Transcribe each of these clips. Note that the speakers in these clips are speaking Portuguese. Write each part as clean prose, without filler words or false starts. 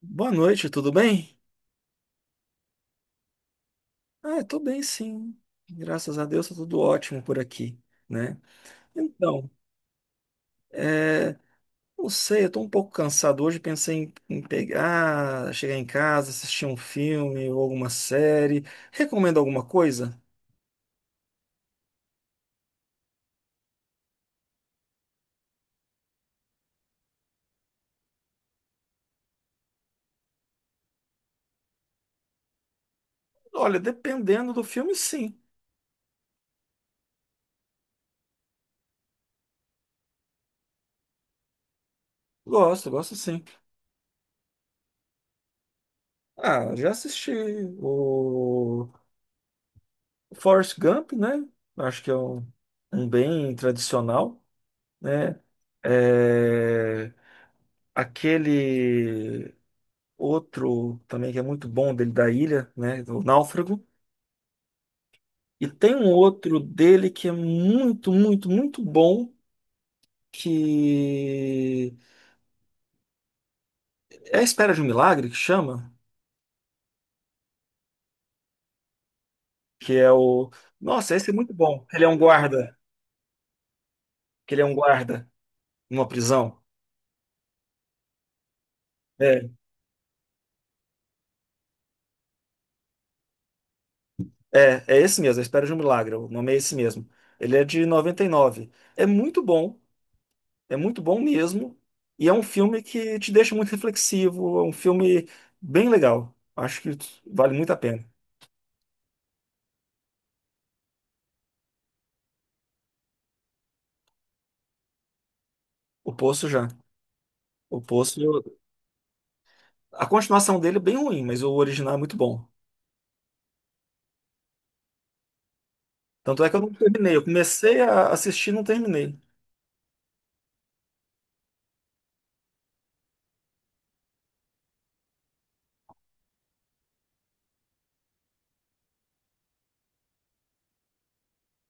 Boa noite, tudo bem? Ah, eu tô bem, sim. Graças a Deus, tá tudo ótimo por aqui, né? Então, é, não sei, eu tô um pouco cansado hoje, pensei em pegar, chegar em casa, assistir um filme ou alguma série. Recomendo alguma coisa? Olha, dependendo do filme, sim. Gosto, gosto sim. Ah, já assisti o Forrest Gump, né? Acho que é um bem tradicional, né? É... Aquele outro também que é muito bom dele da ilha, né, do Náufrago. E tem um outro dele que é muito, muito, muito bom, que é a Espera de um Milagre, que chama, que é o... Nossa, esse é muito bom. Ele é um guarda, que ele é um guarda numa prisão. É, é esse mesmo, A Espera de um Milagre, o nome é esse mesmo. Ele é de noventa e nove. É muito bom. É muito bom mesmo. E é um filme que te deixa muito reflexivo. É um filme bem legal. Acho que vale muito a pena. O Poço já. O Poço, eu- a continuação dele é bem ruim, mas o original é muito bom. Tanto é que eu não terminei. Eu comecei a assistir e não terminei.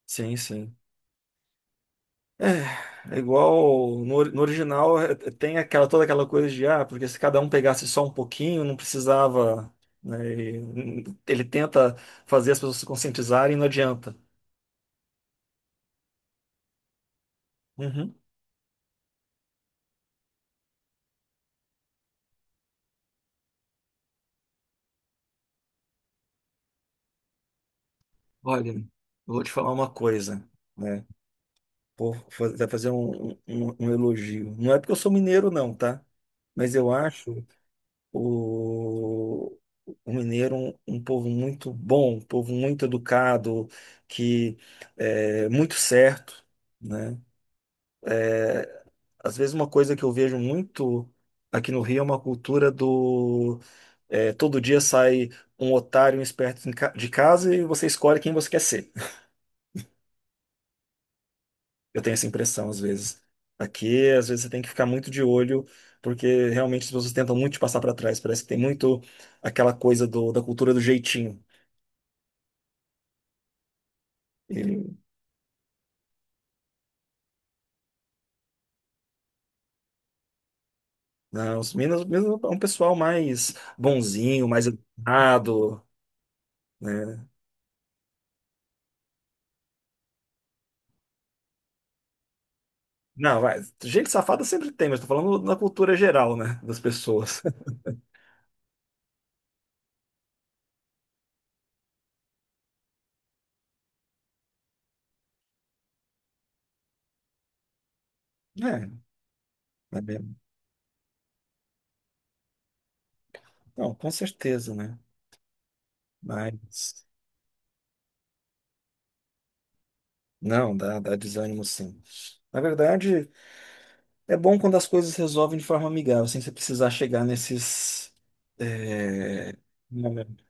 Sim, sim. É, é igual no original tem aquela toda aquela coisa de ah, porque se cada um pegasse só um pouquinho, não precisava, né, ele tenta fazer as pessoas se conscientizarem e não adianta. Uhum. Olha, eu vou te falar uma coisa, né? Pô, vai fazer um elogio. Não é porque eu sou mineiro, não, tá? Mas eu acho o, o mineiro um povo muito bom, um povo muito educado, que é muito certo, né? É, às vezes uma coisa que eu vejo muito aqui no Rio é uma cultura do é, todo dia sai um otário, um esperto em de casa e você escolhe quem você quer ser. Eu tenho essa impressão às vezes. Aqui, às vezes, você tem que ficar muito de olho, porque realmente as pessoas tentam muito te passar para trás. Parece que tem muito aquela coisa da cultura do jeitinho. E, né, os Minas, mesmo é um pessoal mais bonzinho, mais educado, né? Não, vai, gente safada sempre tem, mas tô falando na cultura geral, né, das pessoas. É, é mesmo. Não, com certeza, né? Mas não, dá, dá desânimo sim. Na verdade. É bom quando as coisas resolvem de forma amigável, sem você precisar chegar nesses. É, momentos.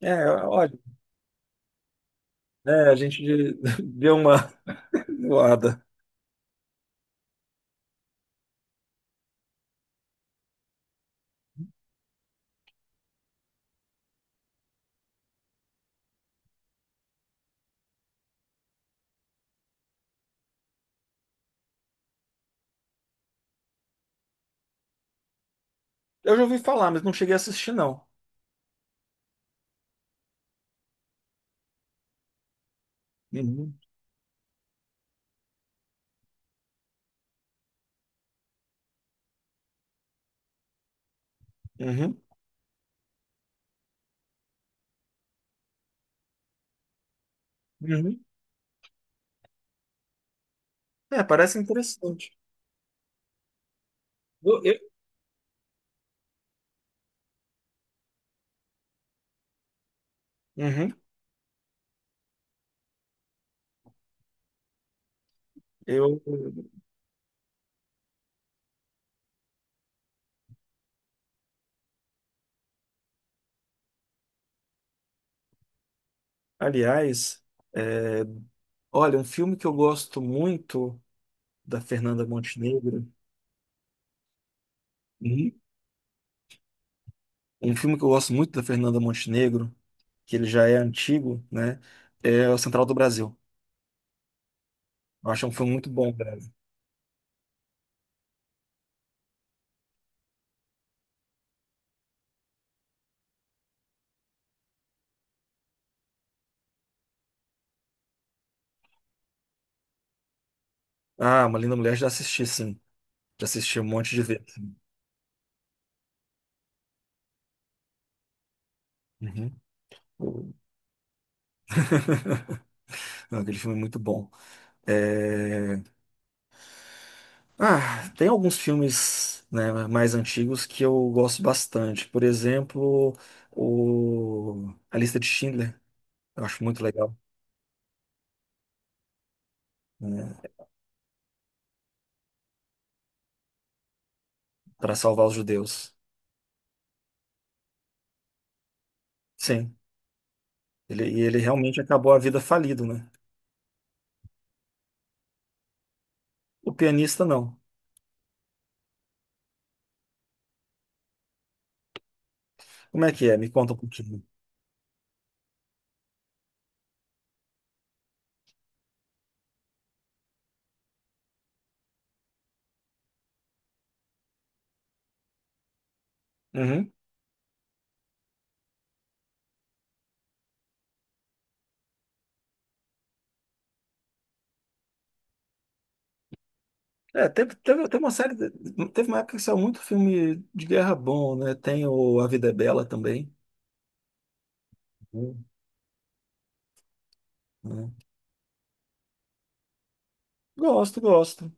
É, olha, é, a gente deu uma voada. Eu já ouvi falar, mas não cheguei a assistir, não. Uhum, uhum, uhum. É, parece interessante. Eu, eu- uhum, eu, aliás, é, olha, um filme que eu gosto muito da Fernanda Montenegro. Uhum. Um filme que eu gosto muito da Fernanda Montenegro, que ele já é antigo, né? É o Central do Brasil. Eu acho um filme muito bom, cara. Ah, Uma Linda Mulher já assisti, sim. Já assisti um monte de vezes. Uhum. Não, aquele filme é muito bom. É, ah, tem alguns filmes, né, mais antigos que eu gosto bastante. Por exemplo, A Lista de Schindler. Eu acho muito legal, né, para salvar os judeus. Sim, e ele realmente acabou a vida falido, né? O pianista, não. Como é que é? Me conta um pouquinho. Uhum. É, teve uma Teve uma época que saiu muito filme de guerra bom, né? Tem o A Vida é Bela também. Hum. Né? Gosto, gosto.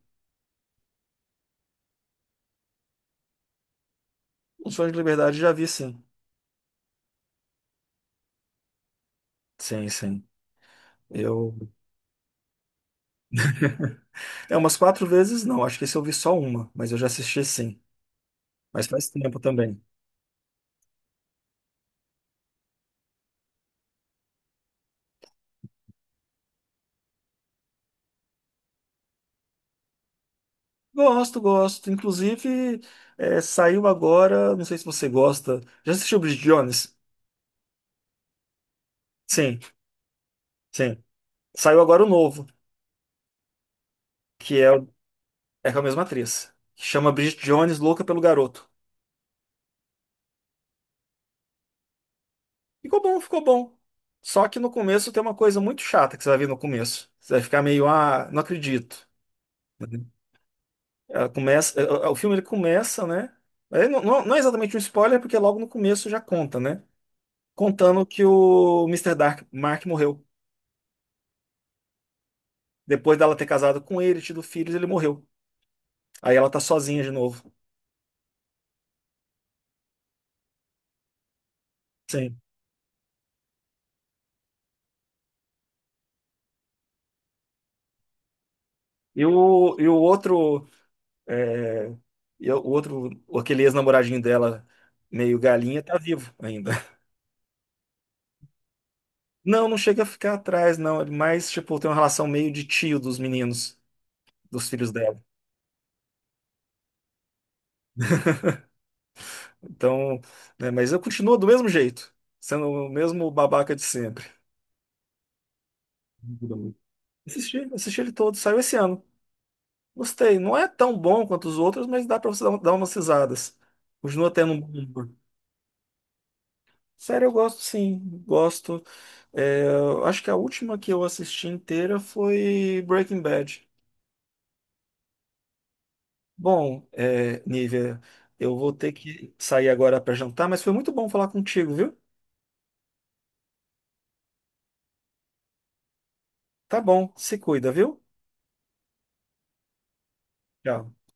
Um Sonho de Liberdade já vi, sim. Sim, sim. Eu. É umas quatro vezes, não. Acho que esse eu vi só uma, mas eu já assisti sim. Mas faz tempo também. Gosto, gosto. Inclusive, é, saiu agora. Não sei se você gosta. Já assistiu Bridget Jones? Sim, sim. Saiu agora o novo, que é, o- é com a mesma atriz. Que chama Bridget Jones, Louca pelo Garoto. Ficou bom, ficou bom. Só que no começo tem uma coisa muito chata que você vai ver no começo. Você vai ficar meio, ah, não acredito. Né? Ela começa, o filme ele começa, né? Não, não é exatamente um spoiler, porque logo no começo já conta, né? Contando que o Mister Dark, Mark morreu. Depois dela ter casado com ele, tido filhos, ele morreu. Aí ela tá sozinha de novo. Sim. E o outro, eh, e o outro, aquele ex-namoradinho dela, meio galinha, tá vivo ainda. Não, não chega a ficar atrás, não. Ele mais, tipo, tem uma relação meio de tio dos meninos, dos filhos dela. Então, né, mas eu continuo do mesmo jeito, sendo o mesmo babaca de sempre. Não muda muito. Assisti, assisti ele todo, saiu esse ano. Gostei. Não é tão bom quanto os outros, mas dá pra você dar, dar umas risadas. Continua tendo um bom humor. Sério, eu gosto sim, gosto. É, eu acho que a última que eu assisti inteira foi Breaking Bad. Bom, é, Nívia, eu vou ter que sair agora para jantar, mas foi muito bom falar contigo, viu? Tá bom, se cuida, viu? Tchau.